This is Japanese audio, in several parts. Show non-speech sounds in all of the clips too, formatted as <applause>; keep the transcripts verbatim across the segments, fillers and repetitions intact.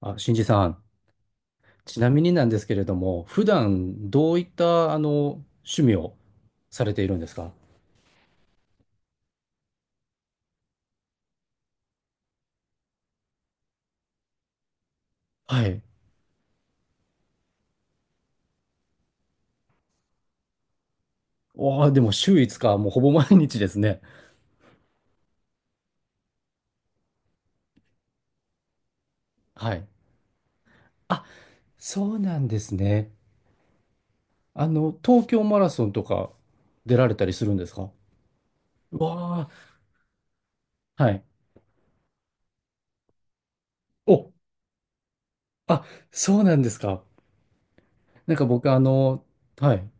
あ、新次さん、ちなみになんですけれども、普段どういったあの趣味をされているんですか？はい。おー、でも週いつか、もうほぼ毎日ですね。はい。あ、そうなんですね。あの、東京マラソンとか出られたりするんですか？うわー、はい。お、あ、そうなんですか。なんか僕、あの、はい。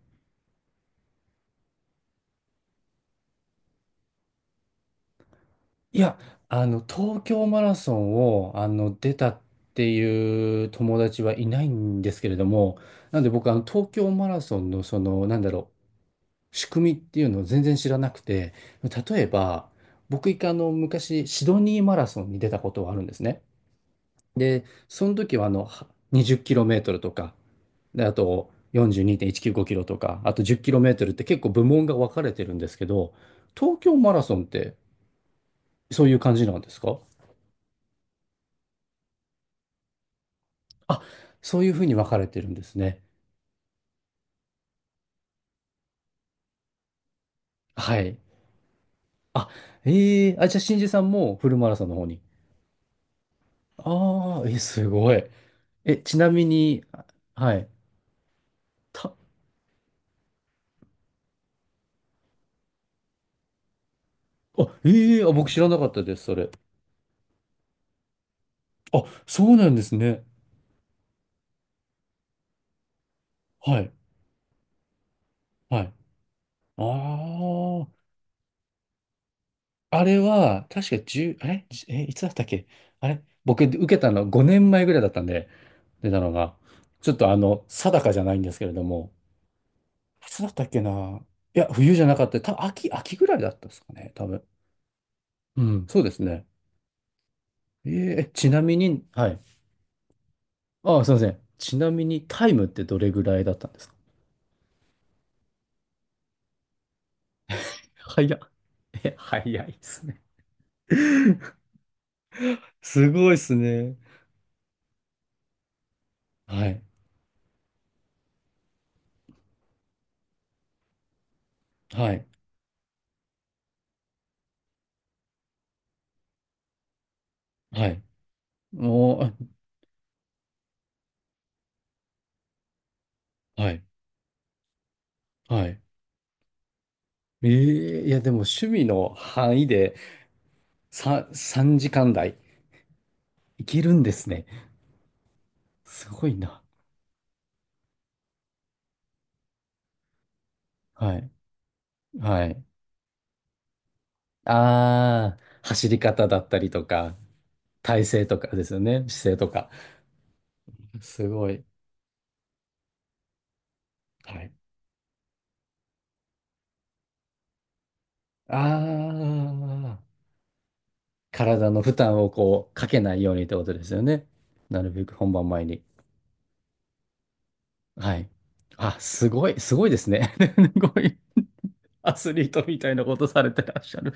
いや、あの、東京マラソンを、あの、出たっていう友達はいないんですけれども、なんで僕、あの、東京マラソンの、その、なんだろう、仕組みっていうのを全然知らなくて、例えば、僕、一回、あの、昔、シドニーマラソンに出たことがあるんですね。で、その時は、あの、はにじゅっキロメートルとか、で、あと、よんじゅうにてんいちきゅうごキロとか、あとじゅっキロメートルって結構部門が分かれてるんですけど、東京マラソンってそういう感じなんですか？あ、そういうふうに分かれてるんですね。はい。あ、ええあ、じゃあ、新次さんもフルマラソンの方に。ああ、え、すごい。え、ちなみに、あはい。た、あ、ええあ、僕知らなかったです、それ。あ、そうなんですね。はい。はい。ああ、あれは、確かじゅう、あれじえ、いつだったっけ？あれ僕、受けたのごねんまえぐらいだったんで、出たのが。ちょっとあの、定かじゃないんですけれども、いつだったっけな。いや、冬じゃなかった。た、秋、秋ぐらいだったですかね、多分。うん、そうですね。えー、ちなみに、はい。ああ、すいません。ちなみに、タイムってどれぐらいだったんですか？早っ。え、早いですね。<laughs> すごいですね。はい。はい。はい。もう、あはい。はい。えー、いや、でも趣味の範囲でさん、ささんじかん台いけるんですね。すごいな。はい。はい。ああ、走り方だったりとか、体勢とかですよね、姿勢とか。すごい。はい。ああ、体の負担をこう、かけないようにってことですよね。なるべく本番前に。はい。あ、すごい、すごいですね。<laughs> すごい。アスリートみたいなことされてらっしゃる。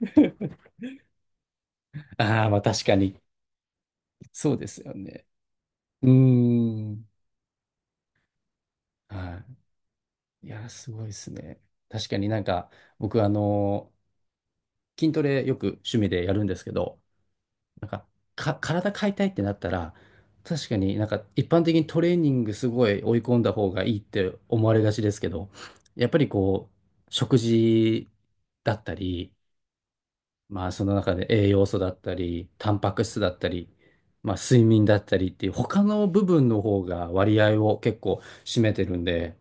<laughs> ああ、まあ確かに。そうですよね。うーん。はい。いや、すごいですね。確かになんか、僕あの筋トレよく趣味でやるんですけど、なんか、か、体変えたいってなったら、確かになんか一般的にトレーニングすごい追い込んだ方がいいって思われがちですけど、やっぱりこう、食事だったり、まあその中で栄養素だったり、タンパク質だったり、まあ睡眠だったりっていう他の部分の方が割合を結構占めてるんで、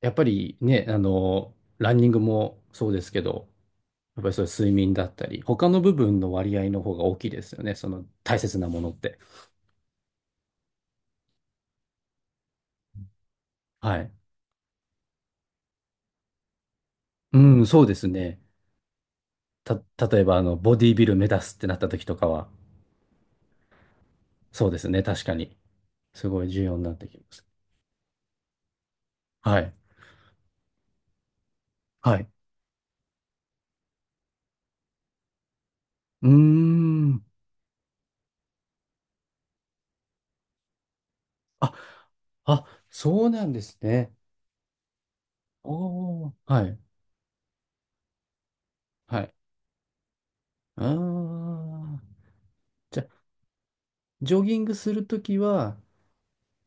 やっぱりね、あの、ランニングもそうですけど、やっぱりそういう睡眠だったり、他の部分の割合の方が大きいですよね。その大切なものって。はい。うん、そうですね。た、例えば、あの、ボディビル目指すってなった時とかは、そうですね。確かに。すごい重要になってきます。はい。はい。うーん。あ、あ、そうなんですね。おー。はい。はい。あー。じゃあ、ジョギングするときは、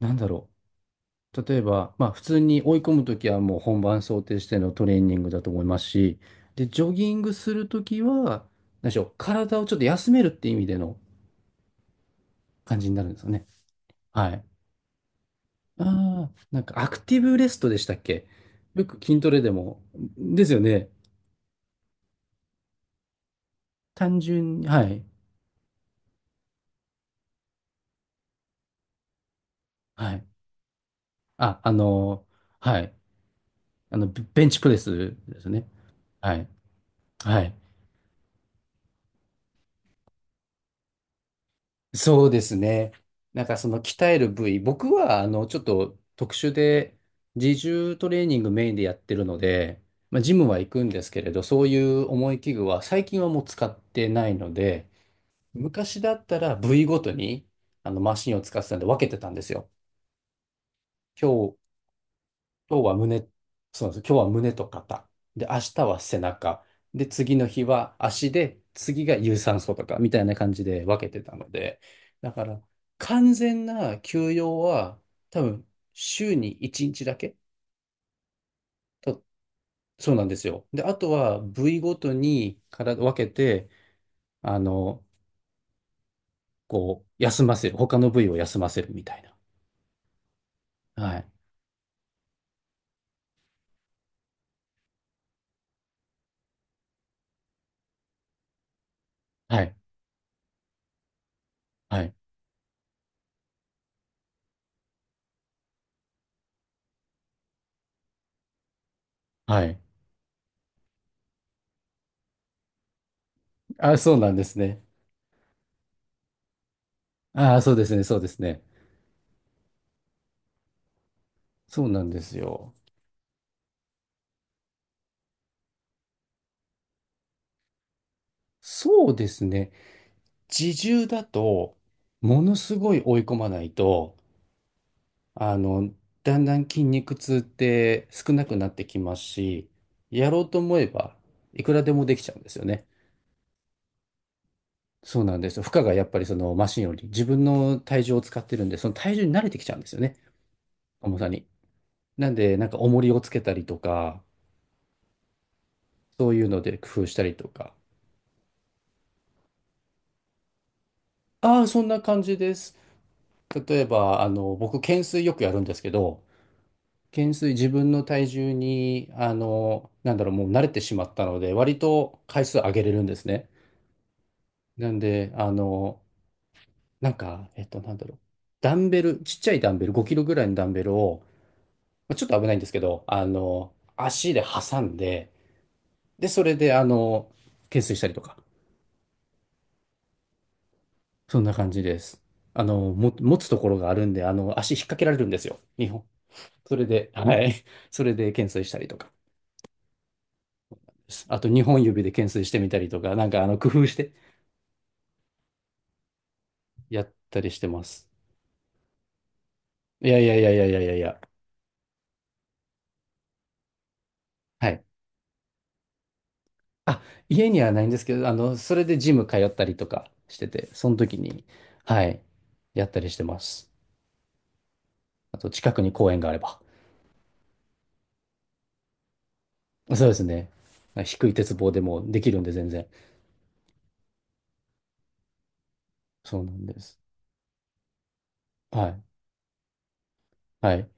なんだろう。例えば、まあ、普通に追い込むときはもう本番想定してのトレーニングだと思いますし、で、ジョギングするときは、何でしょう、体をちょっと休めるっていう意味での感じになるんですよね。はい。ああ、なんかアクティブレストでしたっけ？よく筋トレでも。ですよね。単純に、はい。はい。あ、あのはい。あの、ベベンチプレスですね。はい。はい。そうですね。なんかその鍛える部位、僕はあのちょっと特殊で自重トレーニングメインでやってるので、まあ、ジムは行くんですけれど、そういう重い器具は最近はもう使ってないので、昔だったら部位ごとにあのマシンを使ってたんで分けてたんですよ。今日今日は胸、そうなんです。今日は胸と肩。で、明日は背中。で、次の日は足で、次が有酸素とか、みたいな感じで分けてたので、だから、完全な休養は、多分、週にいちにちだけと、そうなんですよ。で、あとは、部位ごとにから分けて、あの、こう、休ませる。他の部位を休ませるみたいな。はい。はい。はい。はい。あ、そうなんですね。ああ、そうですね。そうですね。そうなんですよ。そうですね。自重だと、ものすごい追い込まないと、あの、だんだん筋肉痛って少なくなってきますし、やろうと思えば、いくらでもできちゃうんですよね。そうなんですよ。負荷がやっぱりそのマシンより自分の体重を使ってるんで、その体重に慣れてきちゃうんですよね。重さに。なんで、なんか重りをつけたりとか、そういうので工夫したりとか。ああ、そんな感じです。例えば、あの、僕、懸垂よくやるんですけど、減衰自分の体重に、あの、なんだろう、もう慣れてしまったので、割と回数上げれるんですね。なんで、あの、なんか、えっと、なんだろう、ダンベル、ちっちゃいダンベル、ごキロぐらいのダンベルを、まあちょっと危ないんですけど、あの、足で挟んで、で、それで、あの、懸垂したりとか、そんな感じです。あの、も、持つところがあるんで、あの、足引っ掛けられるんですよ、にほん。それで、はい、それで懸垂したりとかです。あと、にほん指で懸垂してみたりとか、なんか、あの、工夫して、やったりしてます。いやいやいやいやいやいやいや。はい。あ、家にはないんですけど、あの、それでジム通ったりとかしてて、その時に、はい、やったりしてます。あと、近くに公園があれば。そうですね。低い鉄棒でもできるんで、全然。そうなんです。はい。はい。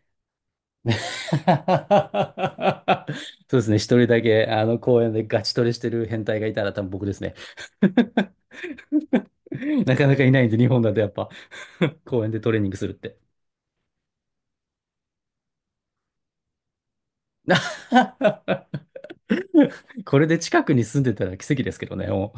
<laughs> そうですね。一人だけ、あの、公園でガチトレしてる変態がいたら多分僕ですね。<laughs> なかなかいないんで、日本だとやっぱ <laughs> 公園でトレーニングするって。<laughs> これで近くに住んでたら奇跡ですけどね。も